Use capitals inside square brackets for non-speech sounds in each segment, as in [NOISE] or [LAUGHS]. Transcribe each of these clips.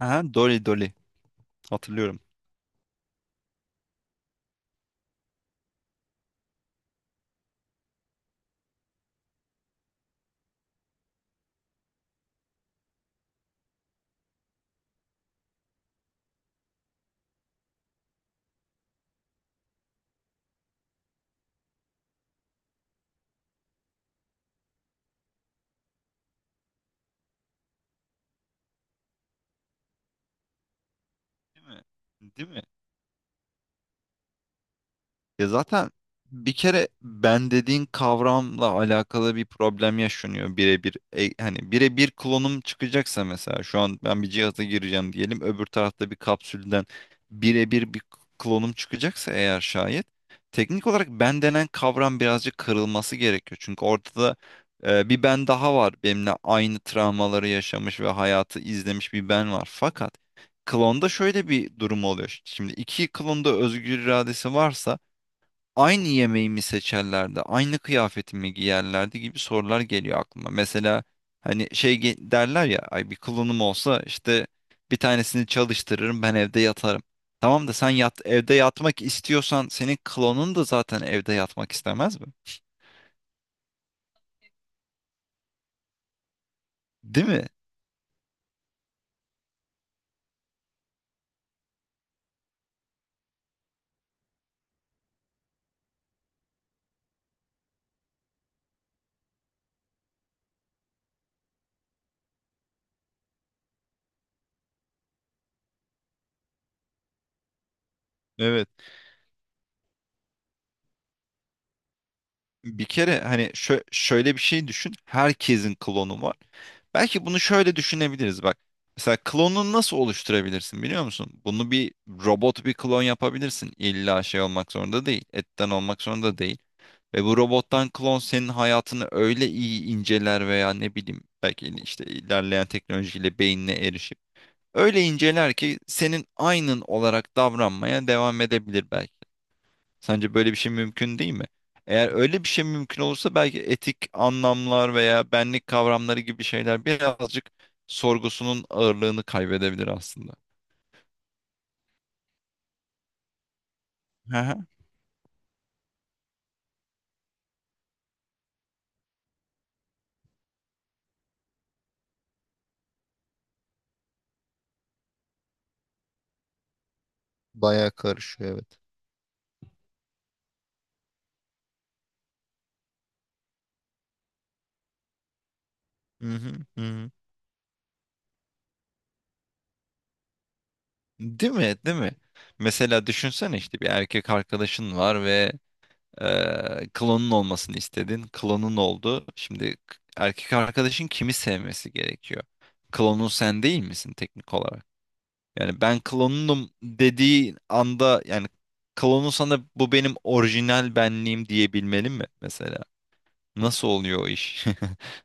Aha, Dolly Dolly. Hatırlıyorum. Değil mi? Değil mi? Ya zaten bir kere ben dediğin kavramla alakalı bir problem yaşanıyor birebir. Hani birebir klonum çıkacaksa mesela şu an ben bir cihaza gireceğim diyelim, öbür tarafta bir kapsülden birebir bir klonum çıkacaksa eğer şayet, teknik olarak ben denen kavram birazcık kırılması gerekiyor. Çünkü ortada bir ben daha var, benimle aynı travmaları yaşamış ve hayatı izlemiş bir ben var. Fakat klonda şöyle bir durum oluyor. Şimdi iki klonda özgür iradesi varsa, aynı yemeği mi seçerlerdi, aynı kıyafeti mi giyerlerdi gibi sorular geliyor aklıma. Mesela hani derler ya, ay bir klonum olsa işte bir tanesini çalıştırırım, ben evde yatarım. Tamam da sen yat, evde yatmak istiyorsan senin klonun da zaten evde yatmak istemez mi? Değil mi? Evet. Bir kere hani şöyle bir şey düşün. Herkesin klonu var. Belki bunu şöyle düşünebiliriz bak. Mesela klonunu nasıl oluşturabilirsin biliyor musun? Bunu bir robot, bir klon yapabilirsin. İlla şey olmak zorunda değil. Etten olmak zorunda değil. Ve bu robottan klon senin hayatını öyle iyi inceler veya ne bileyim belki işte ilerleyen teknolojiyle beynine erişip öyle inceler ki senin aynın olarak davranmaya devam edebilir belki. Sence böyle bir şey mümkün değil mi? Eğer öyle bir şey mümkün olursa, belki etik anlamlar veya benlik kavramları gibi şeyler birazcık sorgusunun ağırlığını kaybedebilir aslında. Hı hı. Bayağı karışıyor, evet. Hı hı, hı hı. Değil mi? Değil mi? Mesela düşünsene, işte bir erkek arkadaşın var ve klonun olmasını istedin. Klonun oldu. Şimdi erkek arkadaşın kimi sevmesi gerekiyor? Klonun sen değil misin teknik olarak? Yani ben klonunum dediği anda, yani klonun sana bu benim orijinal benliğim diyebilmeli mi mesela? Nasıl oluyor o iş? [LAUGHS]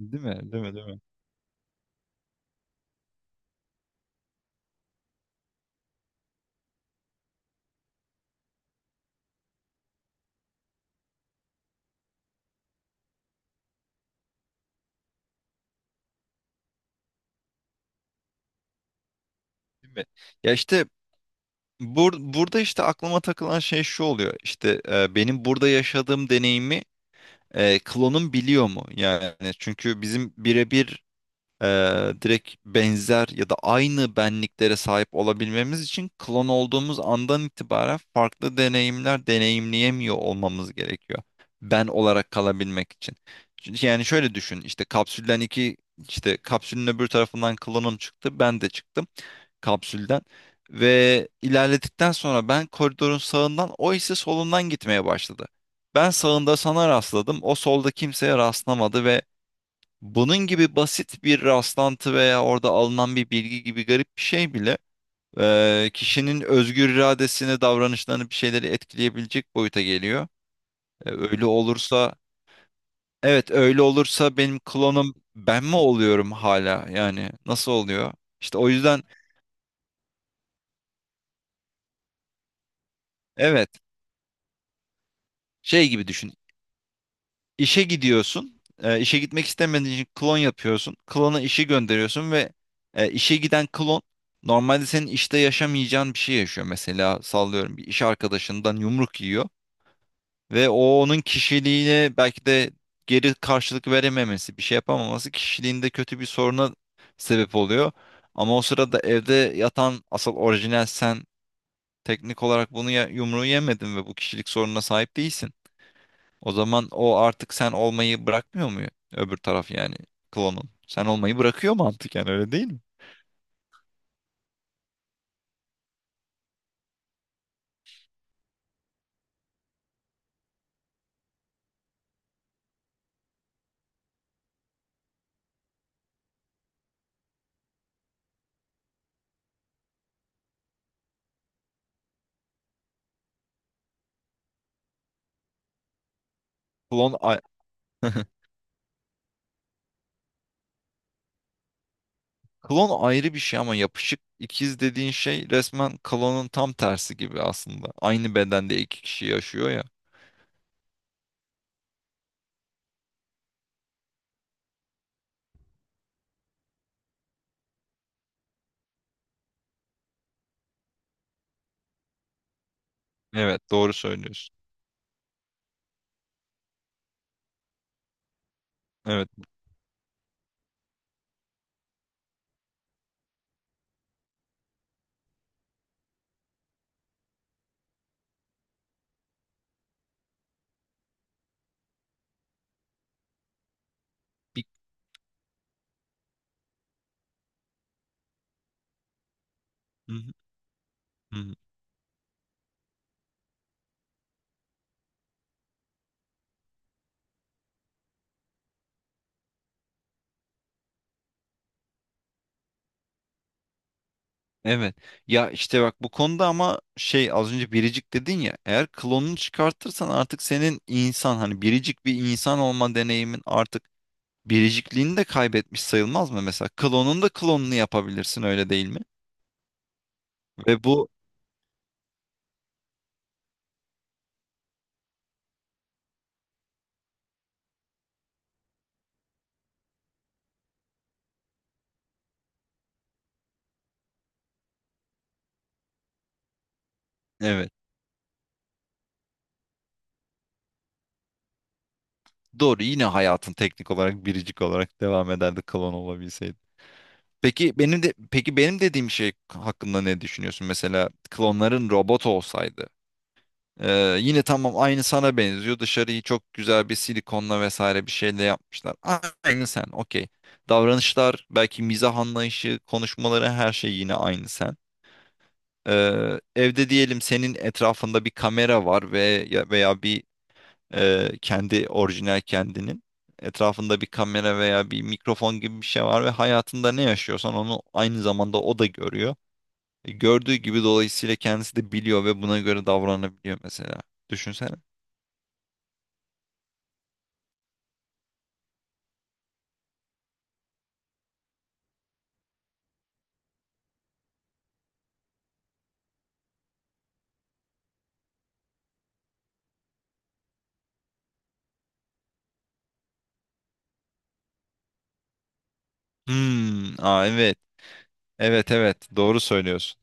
Değil mi? Değil mi? Değil mi? Değil mi? Ya işte burada işte aklıma takılan şey şu oluyor. İşte benim burada yaşadığım deneyimi klonum biliyor mu? Yani çünkü bizim birebir direkt benzer ya da aynı benliklere sahip olabilmemiz için, klon olduğumuz andan itibaren farklı deneyimler deneyimleyemiyor olmamız gerekiyor. Ben olarak kalabilmek için. Çünkü yani şöyle düşün, işte kapsülden iki işte kapsülün öbür tarafından klonum çıktı, ben de çıktım kapsülden. Ve ilerledikten sonra ben koridorun sağından, o ise solundan gitmeye başladı. Ben sağında sana rastladım, o solda kimseye rastlamadı ve bunun gibi basit bir rastlantı veya orada alınan bir bilgi gibi garip bir şey bile kişinin özgür iradesini, davranışlarını, bir şeyleri etkileyebilecek boyuta geliyor. E, öyle olursa, evet, öyle olursa benim klonum ben mi oluyorum hala? Yani nasıl oluyor? İşte o yüzden evet, şey gibi düşün. İşe gidiyorsun. İşe gitmek istemediğin için klon yapıyorsun. Klona işi gönderiyorsun ve işe giden klon normalde senin işte yaşamayacağın bir şey yaşıyor. Mesela sallıyorum, bir iş arkadaşından yumruk yiyor ve o, onun kişiliğine belki de, geri karşılık verememesi, bir şey yapamaması kişiliğinde kötü bir soruna sebep oluyor. Ama o sırada evde yatan asıl orijinal sen, teknik olarak bunu, ya, yumruğu yemedin ve bu kişilik sorununa sahip değilsin. O zaman o artık sen olmayı bırakmıyor mu? Öbür taraf yani, klonun. Sen olmayı bırakıyor mantıken, öyle değil mi? Klon a- [LAUGHS] Klon ayrı bir şey ama yapışık ikiz dediğin şey resmen klonun tam tersi gibi aslında. Aynı bedende iki kişi yaşıyor ya. Evet, doğru söylüyorsun. Evet. Bir- Hı hı, hı hı. Evet. Ya işte bak, bu konuda ama şey, az önce biricik dedin ya, eğer klonunu çıkartırsan artık senin insan hani biricik bir insan olma deneyimin artık biricikliğini de kaybetmiş sayılmaz mı mesela? Klonun da klonunu yapabilirsin, öyle değil mi? Ve bu evet doğru, yine hayatın teknik olarak biricik olarak devam ederdi klon olabilseydi. Peki benim dediğim şey hakkında ne düşünüyorsun? Mesela klonların robot olsaydı. Yine tamam, aynı sana benziyor. Dışarıyı çok güzel bir silikonla vesaire bir şeyle yapmışlar. Aynı sen, okey. Davranışlar belki, mizah anlayışı, konuşmaları, her şey yine aynı sen. Evde diyelim, senin etrafında bir kamera var ve veya bir kendi orijinal kendinin etrafında bir kamera veya bir mikrofon gibi bir şey var ve hayatında ne yaşıyorsan onu aynı zamanda o da görüyor. Gördüğü gibi, dolayısıyla kendisi de biliyor ve buna göre davranabiliyor mesela. Düşünsene. Hmm, aa evet. Evet, evet, doğru söylüyorsun.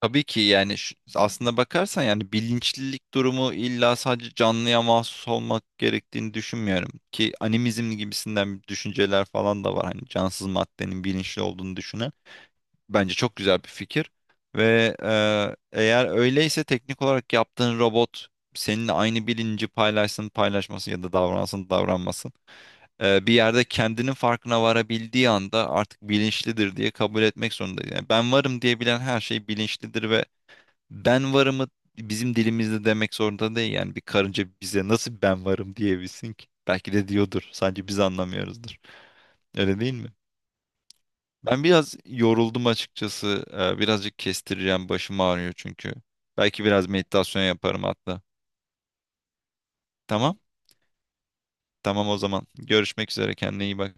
Tabii ki, yani aslında bakarsan yani, bilinçlilik durumu illa sadece canlıya mahsus olmak gerektiğini düşünmüyorum. Ki animizm gibisinden düşünceler falan da var. Hani cansız maddenin bilinçli olduğunu düşünen. Bence çok güzel bir fikir. Ve eğer öyleyse, teknik olarak yaptığın robot seninle aynı bilinci paylaşsın paylaşmasın ya da davransın davranmasın, bir yerde kendinin farkına varabildiği anda artık bilinçlidir diye kabul etmek zorundayız. Yani ben varım diyebilen her şey bilinçlidir ve ben varımı bizim dilimizde demek zorunda değil, yani bir karınca bize nasıl ben varım diyebilsin ki? Belki de diyordur. Sadece biz anlamıyoruzdur. Öyle değil mi? Ben biraz yoruldum açıkçası. Birazcık kestireceğim. Başım ağrıyor çünkü. Belki biraz meditasyon yaparım hatta. Tamam. Tamam o zaman. Görüşmek üzere. Kendine iyi bak.